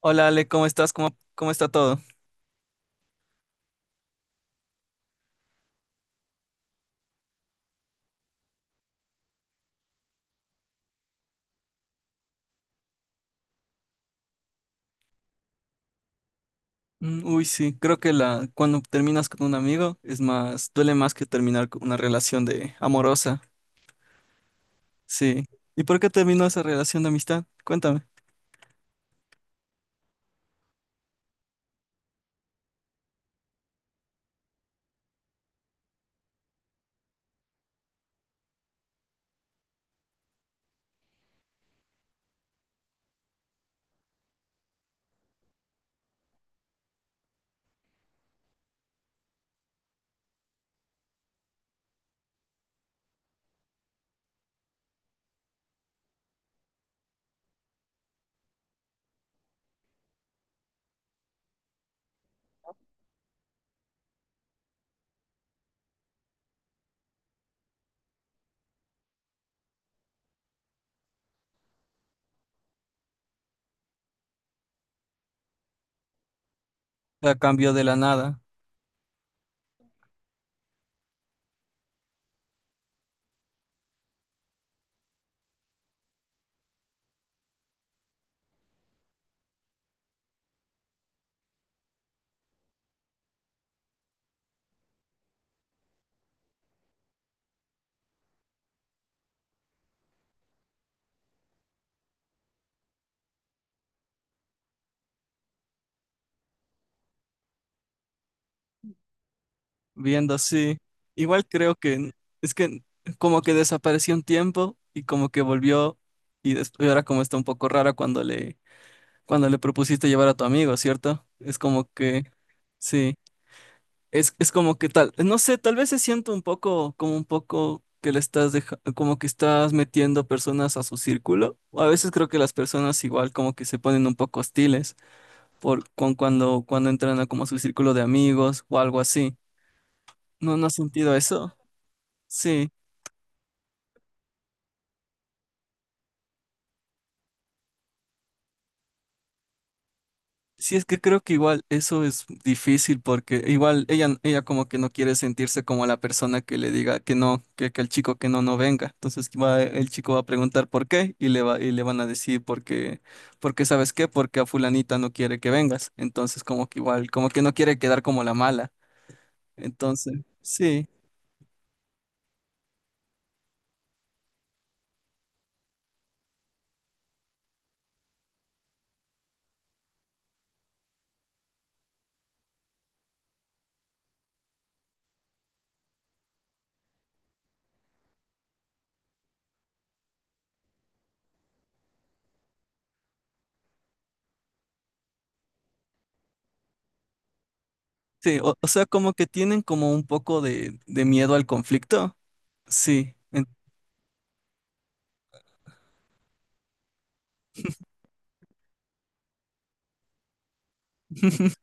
Hola Ale, ¿cómo estás? ¿¿Cómo está todo? Uy, sí, creo que cuando terminas con un amigo es duele más que terminar con una relación de amorosa. Sí. ¿Y por qué terminó esa relación de amistad? Cuéntame. La cambió de la nada, viendo así. Igual creo que es que como que desapareció un tiempo y como que volvió y después ahora como está un poco rara cuando cuando le propusiste llevar a tu amigo, ¿cierto? Es como que, sí. Es como que tal, no sé, tal vez se siente un poco, como un poco que le estás como que estás metiendo personas a su círculo. O a veces creo que las personas igual como que se ponen un poco hostiles por cuando entran a como a su círculo de amigos o algo así. ¿No has sentido eso? Sí. Sí, es que creo que igual eso es difícil porque igual ella como que no quiere sentirse como la persona que le diga que no, que el chico que no venga. Entonces va, el chico va a preguntar por qué y le y le van a decir porque ¿sabes qué? Porque a fulanita no quiere que vengas. Entonces como que igual, como que no quiere quedar como la mala. Entonces, sí, sí, o sea, como que tienen como un poco de miedo al conflicto. Sí. en-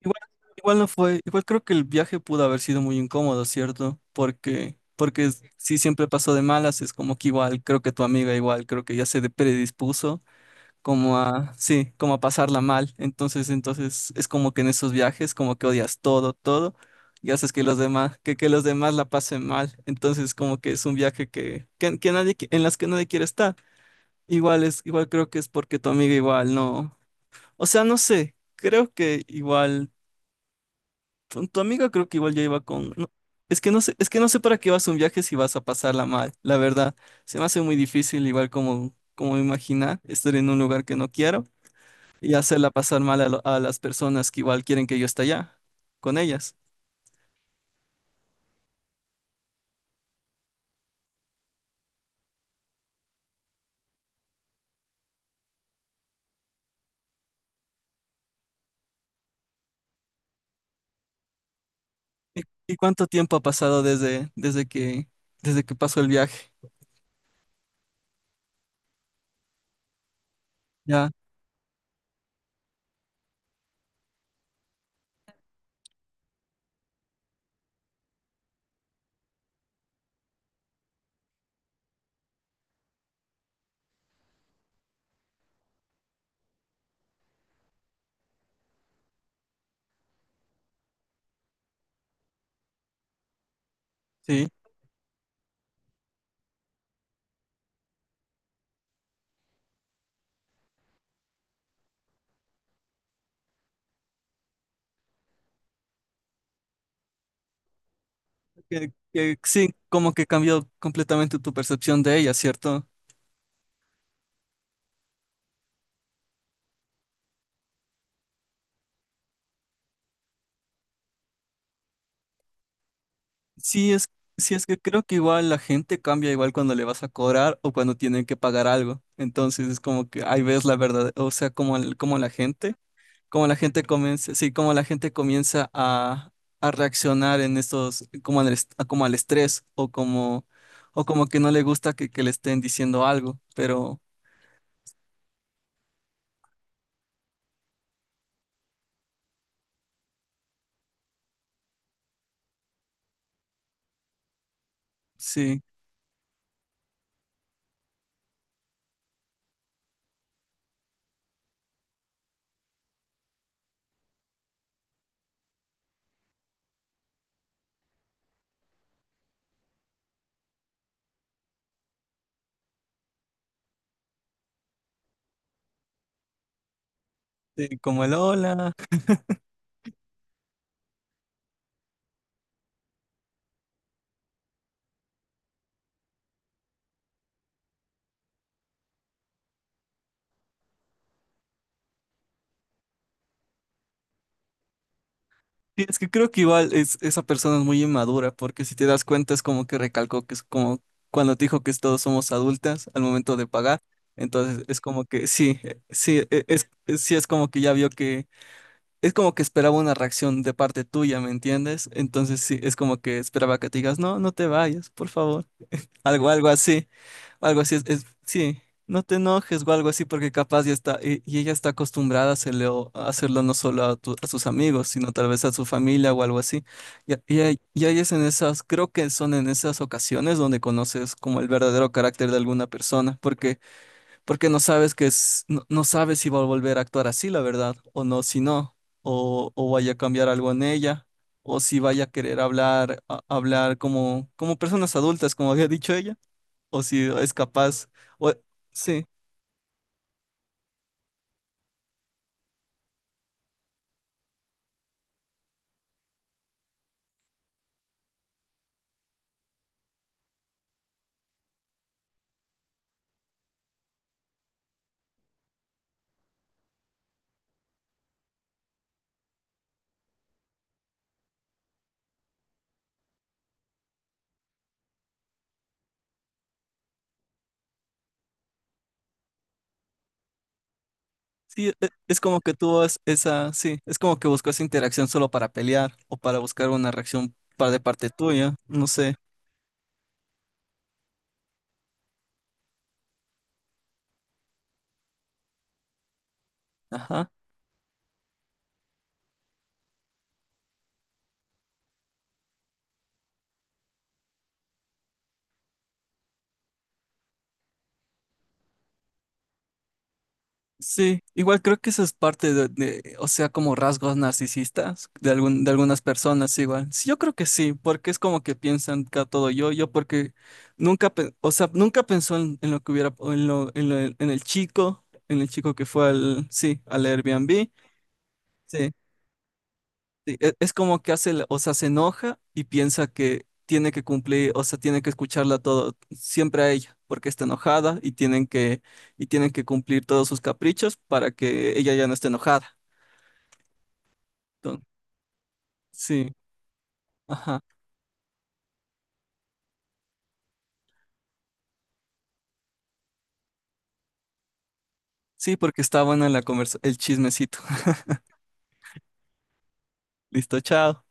Igual, igual no fue, igual creo que el viaje pudo haber sido muy incómodo, ¿cierto? Si siempre pasó de malas, es como que igual, creo que tu amiga igual, creo que ya se predispuso como sí, como a pasarla mal. Entonces, entonces es como que en esos viajes como que odias todo, todo, y haces que los demás, que los demás la pasen mal. Entonces, como que es un viaje que nadie, en las que nadie quiere estar. Igual es, igual creo que es porque tu amiga igual no, o sea, no sé. Creo que igual tu amiga creo que igual ya iba con... no, es que no sé para qué vas a un viaje si vas a pasarla mal, la verdad. Se me hace muy difícil, igual como, como imaginar, estar en un lugar que no quiero y hacerla pasar mal a las personas que igual quieren que yo esté allá, con ellas. ¿Y cuánto tiempo ha pasado desde que pasó el viaje? Ya, sí. Que sí, como que cambió completamente tu percepción de ella, ¿cierto? Sí, es, sí, es que creo que igual la gente cambia igual cuando le vas a cobrar o cuando tienen que pagar algo. Entonces es como que ahí ves la verdad, o sea, como, como la gente comienza, sí, como la gente comienza a reaccionar en estos, como al, como al estrés o como que no le gusta que le estén diciendo algo, pero sí, sí, como el hola. Sí, es que creo que igual es, esa persona es muy inmadura, porque si te das cuenta es como que recalcó que es como cuando te dijo que todos somos adultas al momento de pagar, entonces es como que sí, sí, sí es como que ya vio que, es como que esperaba una reacción de parte tuya, ¿me entiendes? Entonces sí, es como que esperaba que te digas, no, no te vayas, por favor. Algo, algo así. Algo así sí. No te enojes o algo así porque capaz ya está, y ella está acostumbrada a hacerlo no solo a sus amigos, sino tal vez a su familia o algo así. Y ahí es en esas, creo que son en esas ocasiones donde conoces como el verdadero carácter de alguna persona, porque, porque no sabes que es, no, no sabes si va a volver a actuar así, la verdad, o no, si no, o vaya a cambiar algo en ella, o si vaya a querer hablar, hablar como, como personas adultas, como había dicho ella o si es capaz, o, sí, sí, es como que tuvo esa, sí, es como que buscó esa interacción solo para pelear o para buscar una reacción de parte tuya, no sé, ajá. Sí, igual creo que eso es parte de, o sea, como rasgos narcisistas de algún, de algunas personas igual. Sí, yo creo que sí, porque es como que piensan que a todo yo porque nunca, o sea, nunca pensó en lo que hubiera, en en el chico que fue al, sí, al Airbnb. Sí. Sí, Es como que hace, o sea, se enoja y piensa que tiene que cumplir, o sea, tiene que escucharla todo, siempre a ella, porque está enojada y tienen que cumplir todos sus caprichos para que ella ya no esté enojada. Entonces, sí, ajá. Sí, porque está buena la conversa, el chismecito. Listo, chao.